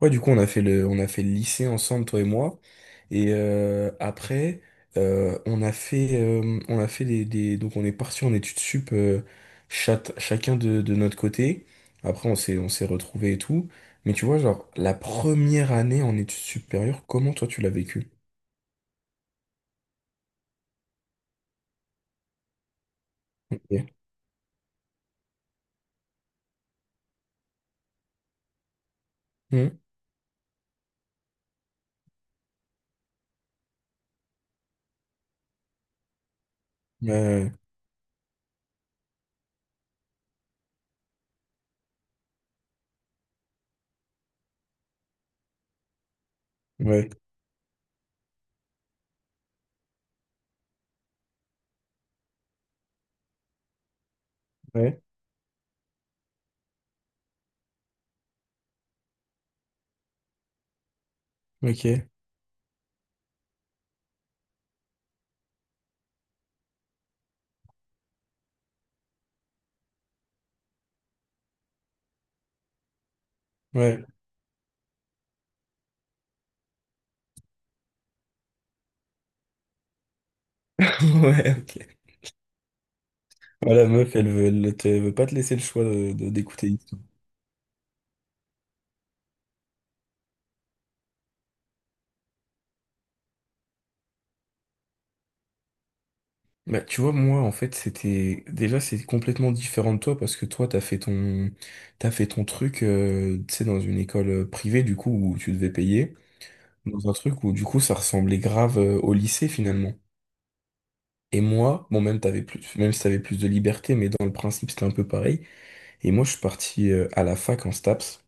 Ouais, du coup, on a fait le lycée ensemble, toi et moi. Et après, on a fait donc on est parti en études sup, chacun de notre côté. Après, on s'est retrouvés et tout. Mais tu vois, genre, la première année en études supérieures, comment toi tu l'as vécu? Ok. Hmm. Ouais, ouais, ouais, ok, ouais, ouais, ok. Voilà, meuf, elle veut pas te laisser le choix d'écouter. Bah, tu vois, moi, en fait, c'est complètement différent de toi parce que toi, t'as fait ton truc, tu sais, dans une école privée, du coup, où tu devais payer, dans un truc où, du coup, ça ressemblait grave, au lycée, finalement. Et moi, bon, même si t'avais plus de liberté, mais dans le principe, c'était un peu pareil. Et moi, je suis parti, à la fac en STAPS.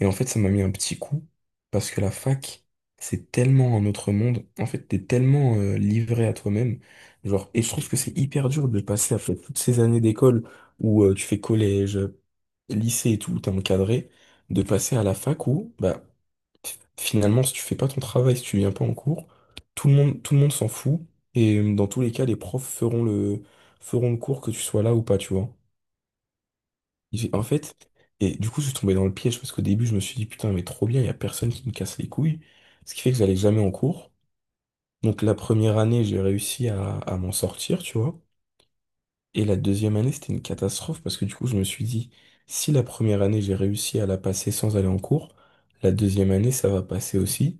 Et en fait, ça m'a mis un petit coup, parce que la fac, c'est tellement un autre monde. En fait, t'es tellement livré à toi-même. Genre, et je trouve que c'est hyper dur de passer après toutes ces années d'école où tu fais collège, lycée et tout, où t'es encadré, de passer à la fac où, bah, finalement, si tu fais pas ton travail, si tu viens pas en cours, tout le monde s'en fout. Et dans tous les cas, les profs feront le cours que tu sois là ou pas, tu vois. En fait, et du coup, je suis tombé dans le piège parce qu'au début, je me suis dit, putain, mais trop bien, il y a personne qui me casse les couilles. Ce qui fait que j'allais jamais en cours. Donc, la première année, j'ai réussi à m'en sortir, tu vois. Et la deuxième année, c'était une catastrophe parce que du coup, je me suis dit, si la première année, j'ai réussi à la passer sans aller en cours, la deuxième année, ça va passer aussi.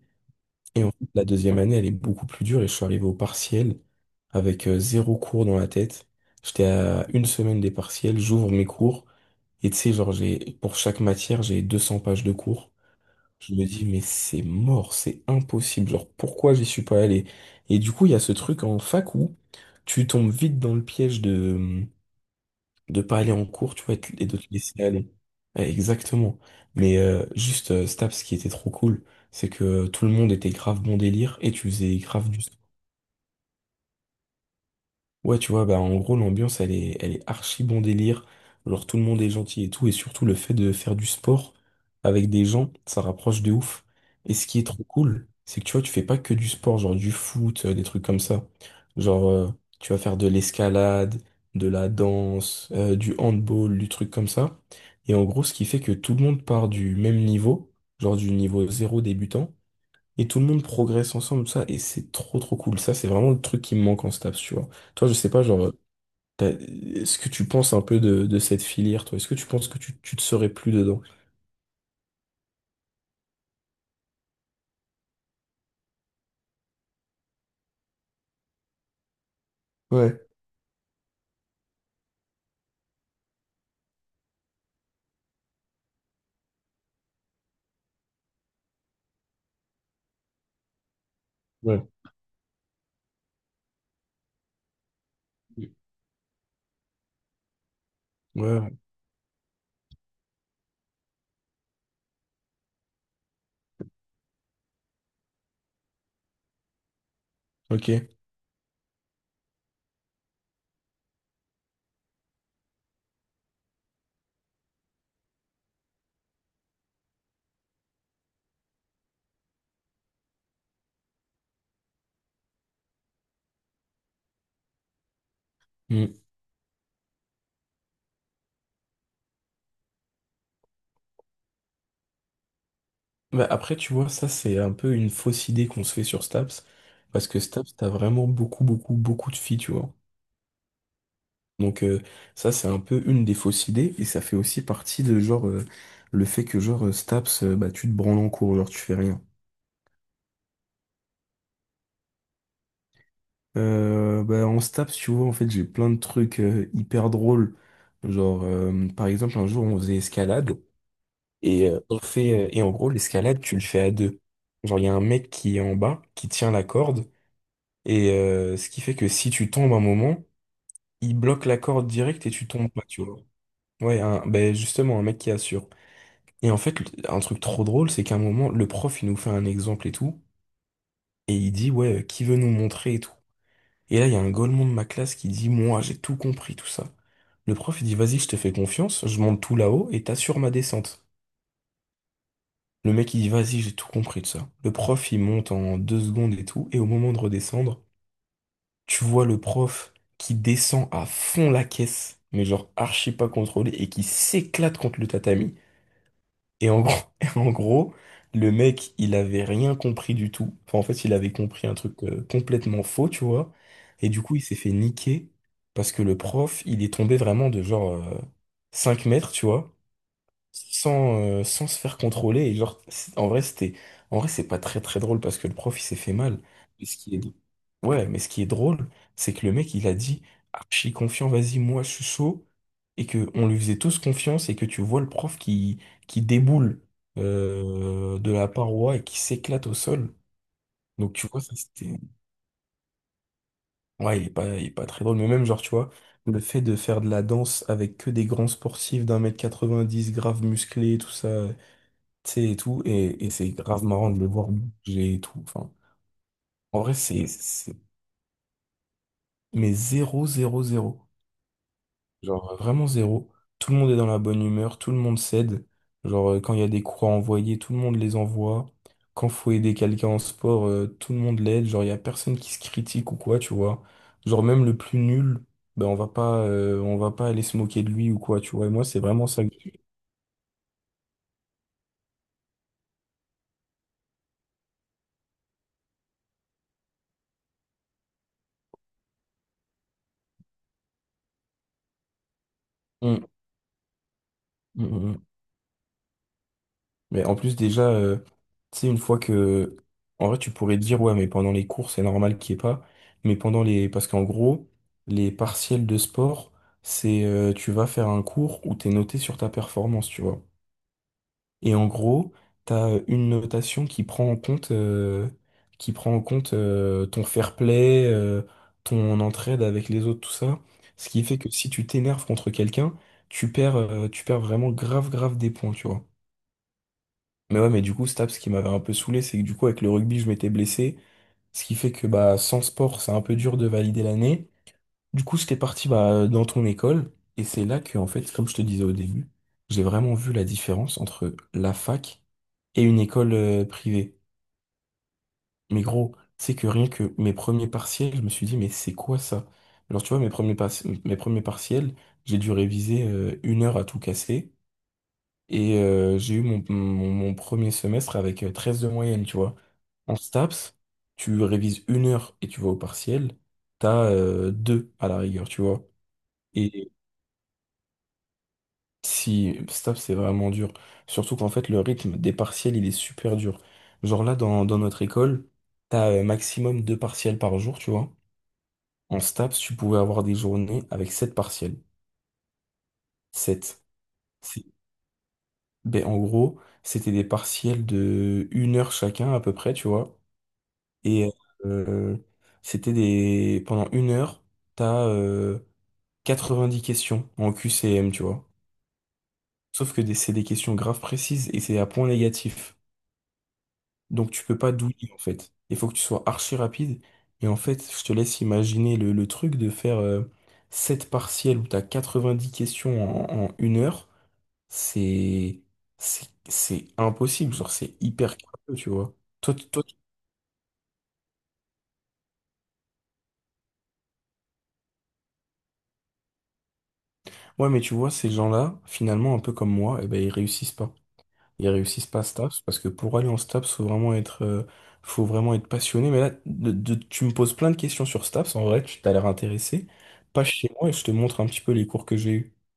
Et en fait, la deuxième année, elle est beaucoup plus dure et je suis arrivé au partiel avec zéro cours dans la tête. J'étais à une semaine des partiels, j'ouvre mes cours. Et tu sais, genre, pour chaque matière, j'ai 200 pages de cours. Je me dis, mais c'est mort, c'est impossible. Genre, pourquoi j'y suis pas allé? Et du coup, il y a ce truc en fac où tu tombes vite dans le piège de pas aller en cours, tu vois, et de te laisser aller. Ouais, exactement. Mais juste, Staps, ce qui était trop cool, c'est que tout le monde était grave bon délire et tu faisais grave du Ouais, tu vois, bah, en gros, l'ambiance, elle est archi bon délire. Genre, tout le monde est gentil et tout. Et surtout, le fait de faire du sport avec des gens, ça rapproche de ouf. Et ce qui est trop cool, c'est que tu vois, tu fais pas que du sport, genre du foot, des trucs comme ça. Genre, tu vas faire de l'escalade, de la danse, du handball, du truc comme ça. Et en gros, ce qui fait que tout le monde part du même niveau, genre du niveau zéro débutant. Et tout le monde progresse ensemble, ça, et c'est trop trop cool. Ça, c'est vraiment le truc qui me manque en STAPS, tu vois. Toi, je sais pas, genre, est-ce que tu penses un peu de, cette filière, toi? Est-ce que tu penses que tu te serais plus dedans? Ouais. Ouais. Ouais, ok. Mm. Bah, après, tu vois, ça, c'est un peu une fausse idée qu'on se fait sur STAPS, parce que STAPS, t'as vraiment beaucoup, beaucoup, beaucoup de filles, tu vois. Donc, ça, c'est un peu une des fausses idées, et ça fait aussi partie de, genre, le fait que, genre, STAPS, bah, tu te branles en cours, genre, tu fais rien. Bah, on se tape, si tu vois, en fait, j'ai plein de trucs hyper drôles. Genre, par exemple, un jour, on faisait escalade et en gros, l'escalade, tu le fais à deux. Genre, il y a un mec qui est en bas, qui tient la corde, et ce qui fait que si tu tombes un moment, il bloque la corde direct et tu tombes pas, tu vois. Ouais, ben, justement, un mec qui assure. Et en fait, un truc trop drôle, c'est qu'à un moment, le prof, il nous fait un exemple et tout, et il dit, ouais, qui veut nous montrer et tout. Et là, il y a un golemon de ma classe qui dit, moi, j'ai tout compris, tout ça. Le prof, il dit, vas-y, je te fais confiance, je monte tout là-haut et t'assures ma descente. Le mec, il dit, vas-y, j'ai tout compris, tout ça. Le prof, il monte en 2 secondes et tout, et au moment de redescendre, tu vois le prof qui descend à fond la caisse, mais genre archi pas contrôlé, et qui s'éclate contre le tatami. Et en gros, et en gros, le mec, il avait rien compris du tout. Enfin, en fait, il avait compris un truc complètement faux, tu vois. Et du coup, il s'est fait niquer parce que le prof, il est tombé vraiment de genre 5 mètres, tu vois, sans se faire contrôler. Et genre, en vrai, c'est pas très très drôle parce que le prof, il s'est fait mal. Mais ce qui est Ouais, mais ce qui est drôle, c'est que le mec, il a dit archi confiant, vas-y, moi, je suis chaud, et que on lui faisait tous confiance, et que tu vois le prof qui déboule de la paroi et qui s'éclate au sol. Donc, tu vois, ça, c'était. Ouais, il est pas très drôle, mais même, genre, tu vois, le fait de faire de la danse avec que des grands sportifs d'1,90 m, grave musclés, tout ça, tu sais, et tout, et c'est grave marrant de le voir bouger et tout. Enfin, en vrai, c'est, mais zéro, zéro, zéro. Genre vraiment zéro. Tout le monde est dans la bonne humeur, tout le monde s'aide. Genre quand il y a des croix à envoyer, tout le monde les envoie. Quand faut aider quelqu'un en sport, tout le monde l'aide. Genre il y a personne qui se critique ou quoi, tu vois. Genre même le plus nul, ben on va pas aller se moquer de lui ou quoi, tu vois. Et moi c'est vraiment ça. Mm, mm, mm. Mais en plus, déjà, tu sais, une fois que. En vrai, tu pourrais te dire, ouais, mais pendant les cours, c'est normal qu'il n'y ait pas. Mais pendant les. Parce qu'en gros, les partiels de sport, c'est. Tu vas faire un cours où t'es noté sur ta performance, tu vois. Et en gros, t'as une notation qui prend en compte ton fair play, ton entraide avec les autres, tout ça. Ce qui fait que si tu t'énerves contre quelqu'un, tu perds vraiment grave, grave des points, tu vois. Mais ouais, mais du coup, Staps, ce qui m'avait un peu saoulé, c'est que du coup, avec le rugby, je m'étais blessé. Ce qui fait que bah, sans sport, c'est un peu dur de valider l'année. Du coup, j'étais parti bah, dans ton école. Et c'est là que, en fait, comme je te disais au début, j'ai vraiment vu la différence entre la fac et une école privée. Mais gros, c'est que rien que mes premiers partiels, je me suis dit, mais c'est quoi ça? Alors, tu vois, mes premiers partiels, j'ai dû réviser une heure à tout casser. Et j'ai eu mon premier semestre avec 13 de moyenne, tu vois. En STAPS, tu révises une heure et tu vas au partiel, t'as deux à la rigueur, tu vois. Et si STAPS, c'est vraiment dur. Surtout qu'en fait, le rythme des partiels, il est super dur. Genre là, dans notre école, t'as maximum deux partiels par jour, tu vois. En STAPS, tu pouvais avoir des journées avec sept partiels. Sept. C'est- Ben, en gros, c'était des partiels de 1 heure chacun à peu près, tu vois. Et euh, pendant une heure, t'as 90 questions en QCM, tu vois. Sauf que c'est des questions graves précises et c'est à point négatif. Donc tu peux pas douiller, en fait. Il faut que tu sois archi rapide. Et en fait, je te laisse imaginer le truc de faire 7 partiels où t'as 90 questions en une heure. C'est... c'est impossible. Genre, c'est hyper curieux, tu vois. Toi, t- toi, t- ouais, mais tu vois, ces gens-là, finalement, un peu comme moi, eh ben, ils réussissent pas. Ils réussissent pas à STAPS parce que pour aller en STAPS, faut vraiment être passionné. Mais là, tu me poses plein de questions sur STAPS. En vrai, tu t'as l'air intéressé. Passe chez moi et je te montre un petit peu les cours que j'ai eus.